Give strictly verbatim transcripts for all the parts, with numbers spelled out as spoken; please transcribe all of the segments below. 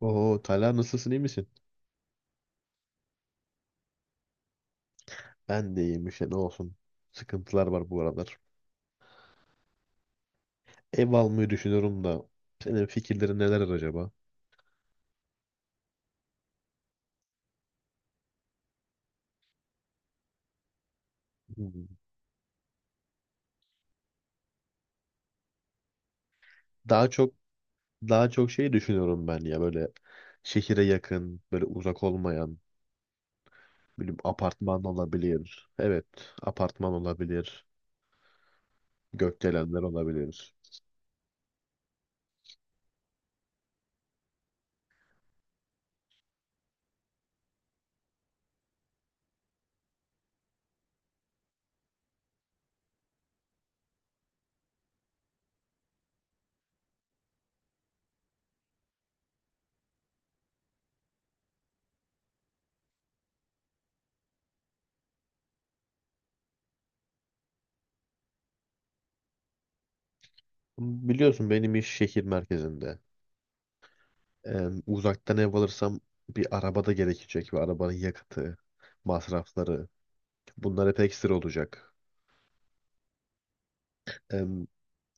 Oo Talha, nasılsın, iyi misin? Ben de iyiyim işte, ne olsun. Sıkıntılar var bu aralar. Ev almayı düşünüyorum da senin fikirlerin neler acaba? Hmm. Daha çok daha çok şey düşünüyorum ben, ya böyle şehire yakın, böyle uzak olmayan, böyle apartman olabilir. Evet, apartman olabilir. Gökdelenler olabilir. Biliyorsun benim iş şehir merkezinde. Ee, Uzaktan ev alırsam bir araba da gerekecek ve arabanın yakıtı, masrafları, bunlar hep ekstra olacak. em,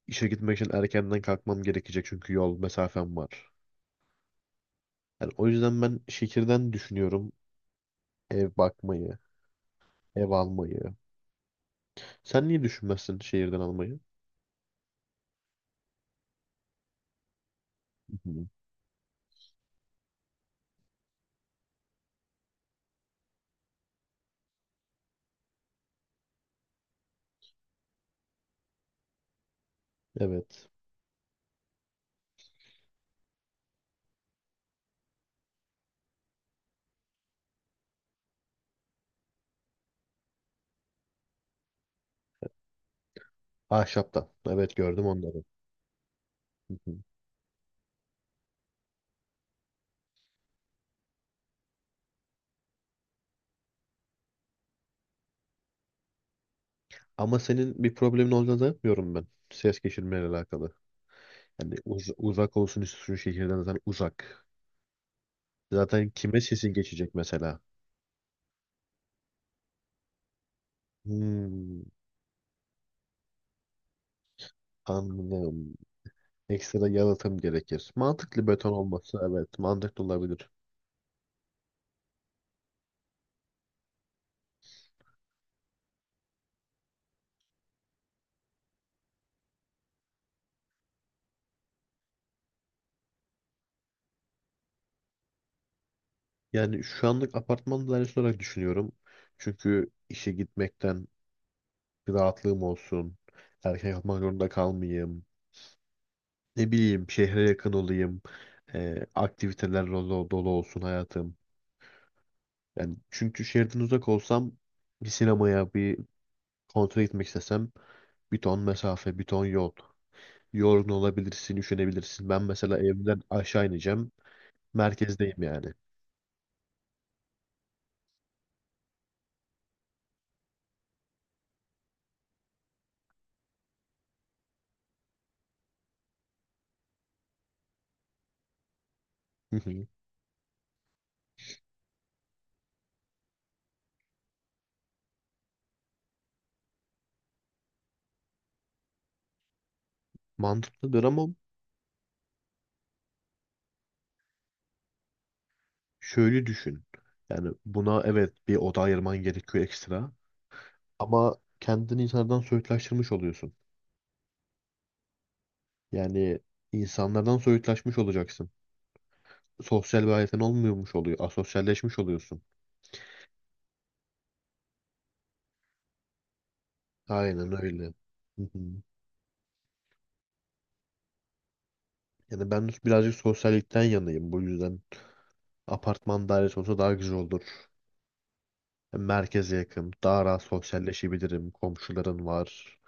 işe gitmek için erkenden kalkmam gerekecek çünkü yol mesafem var. Yani o yüzden ben şehirden düşünüyorum ev bakmayı, ev almayı. Sen niye düşünmezsin şehirden almayı? Hı hı. Evet. Ahşaptan. Evet, gördüm onları. Hı hı. Ama senin bir problemin olacağını zannetmiyorum ben, ses geçirmeyle alakalı. Yani uz- uzak olsun istiyorsun, şehirden zaten uzak. Zaten kime sesin geçecek mesela? Hmm, anladım. Ekstra yalıtım gerekir. Mantıklı, beton olması evet mantıklı olabilir. Yani şu anlık apartman dairesi olarak düşünüyorum. Çünkü işe gitmekten bir rahatlığım olsun. Erken yatmak zorunda kalmayayım. Ne bileyim, şehre yakın olayım. Ee, aktiviteler dolu, dolu olsun hayatım. Yani çünkü şehirden uzak olsam, bir sinemaya, bir konsere gitmek istesem, bir ton mesafe, bir ton yol. Yorgun olabilirsin, üşenebilirsin. Ben mesela evden aşağı ineceğim. Merkezdeyim yani. Hı hı. Mantıklıdır ama şöyle düşün. Yani buna evet, bir oda ayırman gerekiyor ekstra. Ama kendini insanlardan soyutlaştırmış oluyorsun. Yani insanlardan soyutlaşmış olacaksın. Sosyal bir hayatın olmuyormuş oluyor. Asosyalleşmiş oluyorsun. Aynen öyle. Hı hı. Yani ben birazcık sosyallikten yanayım bu yüzden. Apartman dairesi olsa daha güzel olur. Merkeze yakın. Daha rahat sosyalleşebilirim. Komşuların var.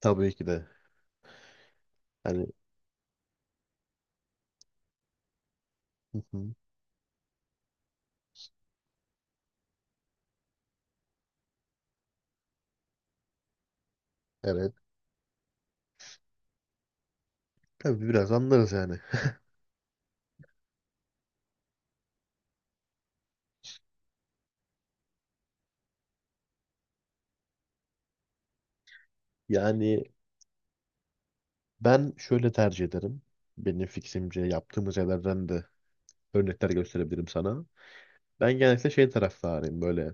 Tabii ki de. Yani hı hı. Evet. Tabii biraz anlarız yani. Yani ben şöyle tercih ederim. Benim fiksimce yaptığımız yerlerden de örnekler gösterebilirim sana. Ben genellikle şey taraftarıyım, böyle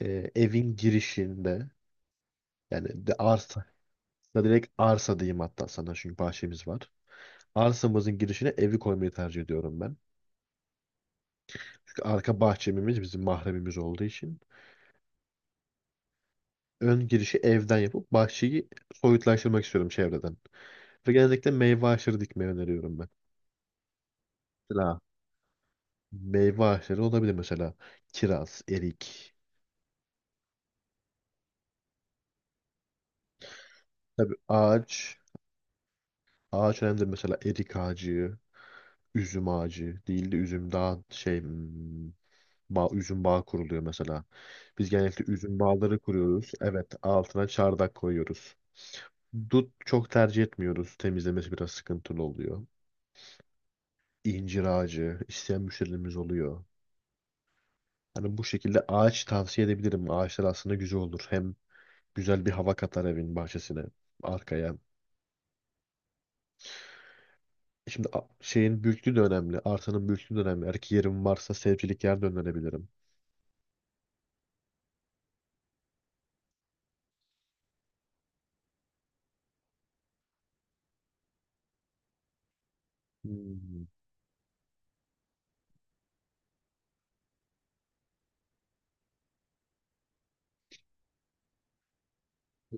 e, evin girişinde, yani de arsa, da direkt arsa diyeyim hatta sana çünkü bahçemiz var. Arsamızın girişine evi koymayı tercih ediyorum ben. Çünkü arka bahçemiz bizim mahremimiz olduğu için ön girişi evden yapıp bahçeyi soyutlaştırmak istiyorum çevreden. Ve genellikle meyve ağaçları dikmeyi öneriyorum ben. Mesela meyve ağaçları olabilir, mesela kiraz, erik. Tabii ağaç, ağaç önemli. Mesela erik ağacı, üzüm ağacı değil de üzüm daha şey, hmm, bağ, üzüm bağı kuruluyor mesela. Biz genellikle üzüm bağları kuruyoruz. Evet, altına çardak koyuyoruz. Dut çok tercih etmiyoruz. Temizlemesi biraz sıkıntılı oluyor. İncir ağacı isteyen müşterilerimiz oluyor. Hani bu şekilde ağaç tavsiye edebilirim. Ağaçlar aslında güzel olur. Hem güzel bir hava katar evin bahçesine, arkaya. Şimdi a- şeyin büyüklüğü de önemli. Arsanın büyüklüğü de önemli. Eğer ki yerim varsa sevcilik yer dönebilirim. Hmm.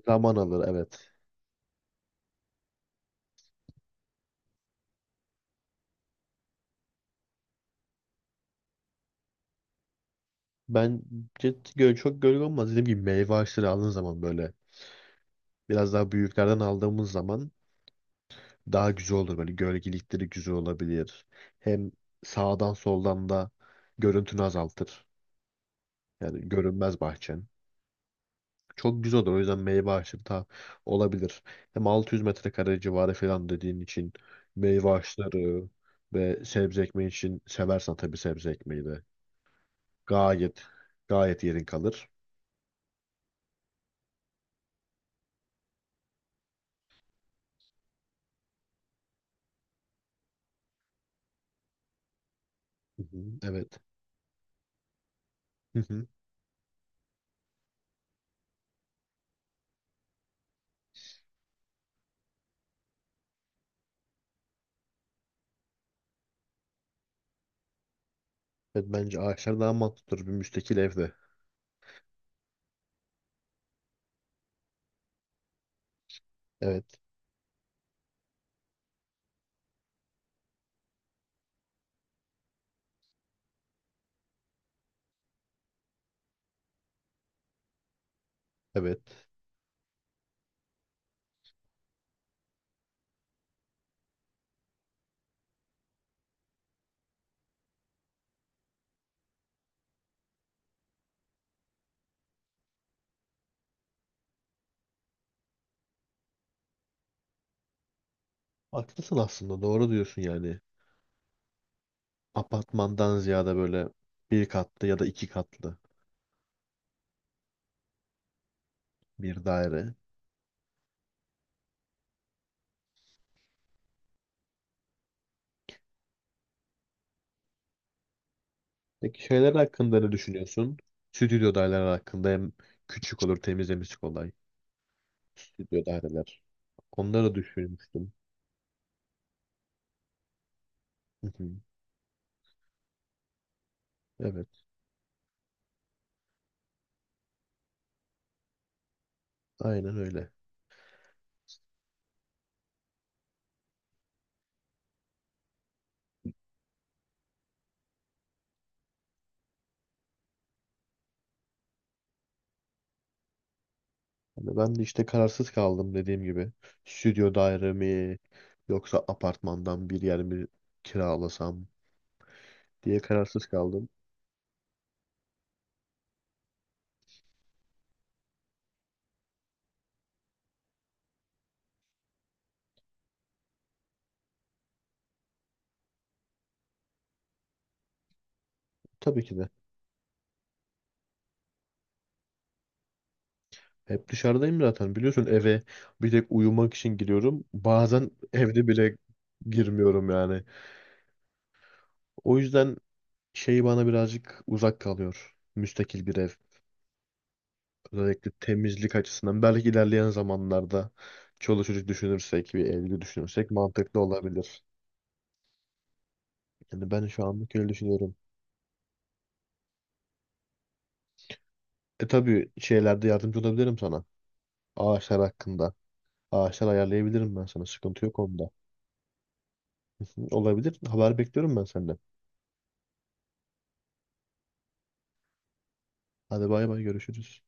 Zaman alır, evet. Bence göl çok gölge olmaz. Dediğim gibi meyve ağaçları aldığın zaman, böyle biraz daha büyüklerden aldığımız zaman daha güzel olur. Böyle gölgelikleri güzel olabilir. Hem sağdan soldan da görüntünü azaltır. Yani görünmez bahçen. Çok güzel olur. O yüzden meyve ağaçları da olabilir. Hem altı yüz metrekare civarı falan dediğin için meyve ağaçları ve sebze ekmeği için, seversen tabii sebze ekmeği de gayet gayet yerin kalır. Hı hı, evet. Hı hı. Evet, bence ağaçlar daha mantıklıdır bir müstakil evde. Evet. Evet. Haklısın aslında. Doğru diyorsun yani. Apartmandan ziyade böyle bir katlı ya da iki katlı bir daire. Peki şeyler hakkında ne düşünüyorsun? Stüdyo daireler hakkında, hem küçük olur, temizlemesi kolay. Stüdyo daireler. Onları düşünmüştüm. Hı hı. Evet, aynen öyle. Hani ben de işte kararsız kaldım dediğim gibi. Stüdyo daire mi yoksa apartmandan bir yer mi kiralasam diye kararsız kaldım. Tabii ki de. Hep dışarıdayım zaten, biliyorsun eve bir tek uyumak için giriyorum. Bazen evde bile girmiyorum yani. O yüzden şeyi bana birazcık uzak kalıyor, müstakil bir ev. Özellikle temizlik açısından. Belki ilerleyen zamanlarda çoluk çocuk düşünürsek, bir evli düşünürsek mantıklı olabilir. Yani ben şu anlık öyle düşünüyorum. E tabii şeylerde yardımcı olabilirim sana. Ağaçlar hakkında. Ağaçlar ayarlayabilirim ben sana. Sıkıntı yok onda. Olabilir. Haber bekliyorum ben senden. Hadi bay bay, görüşürüz.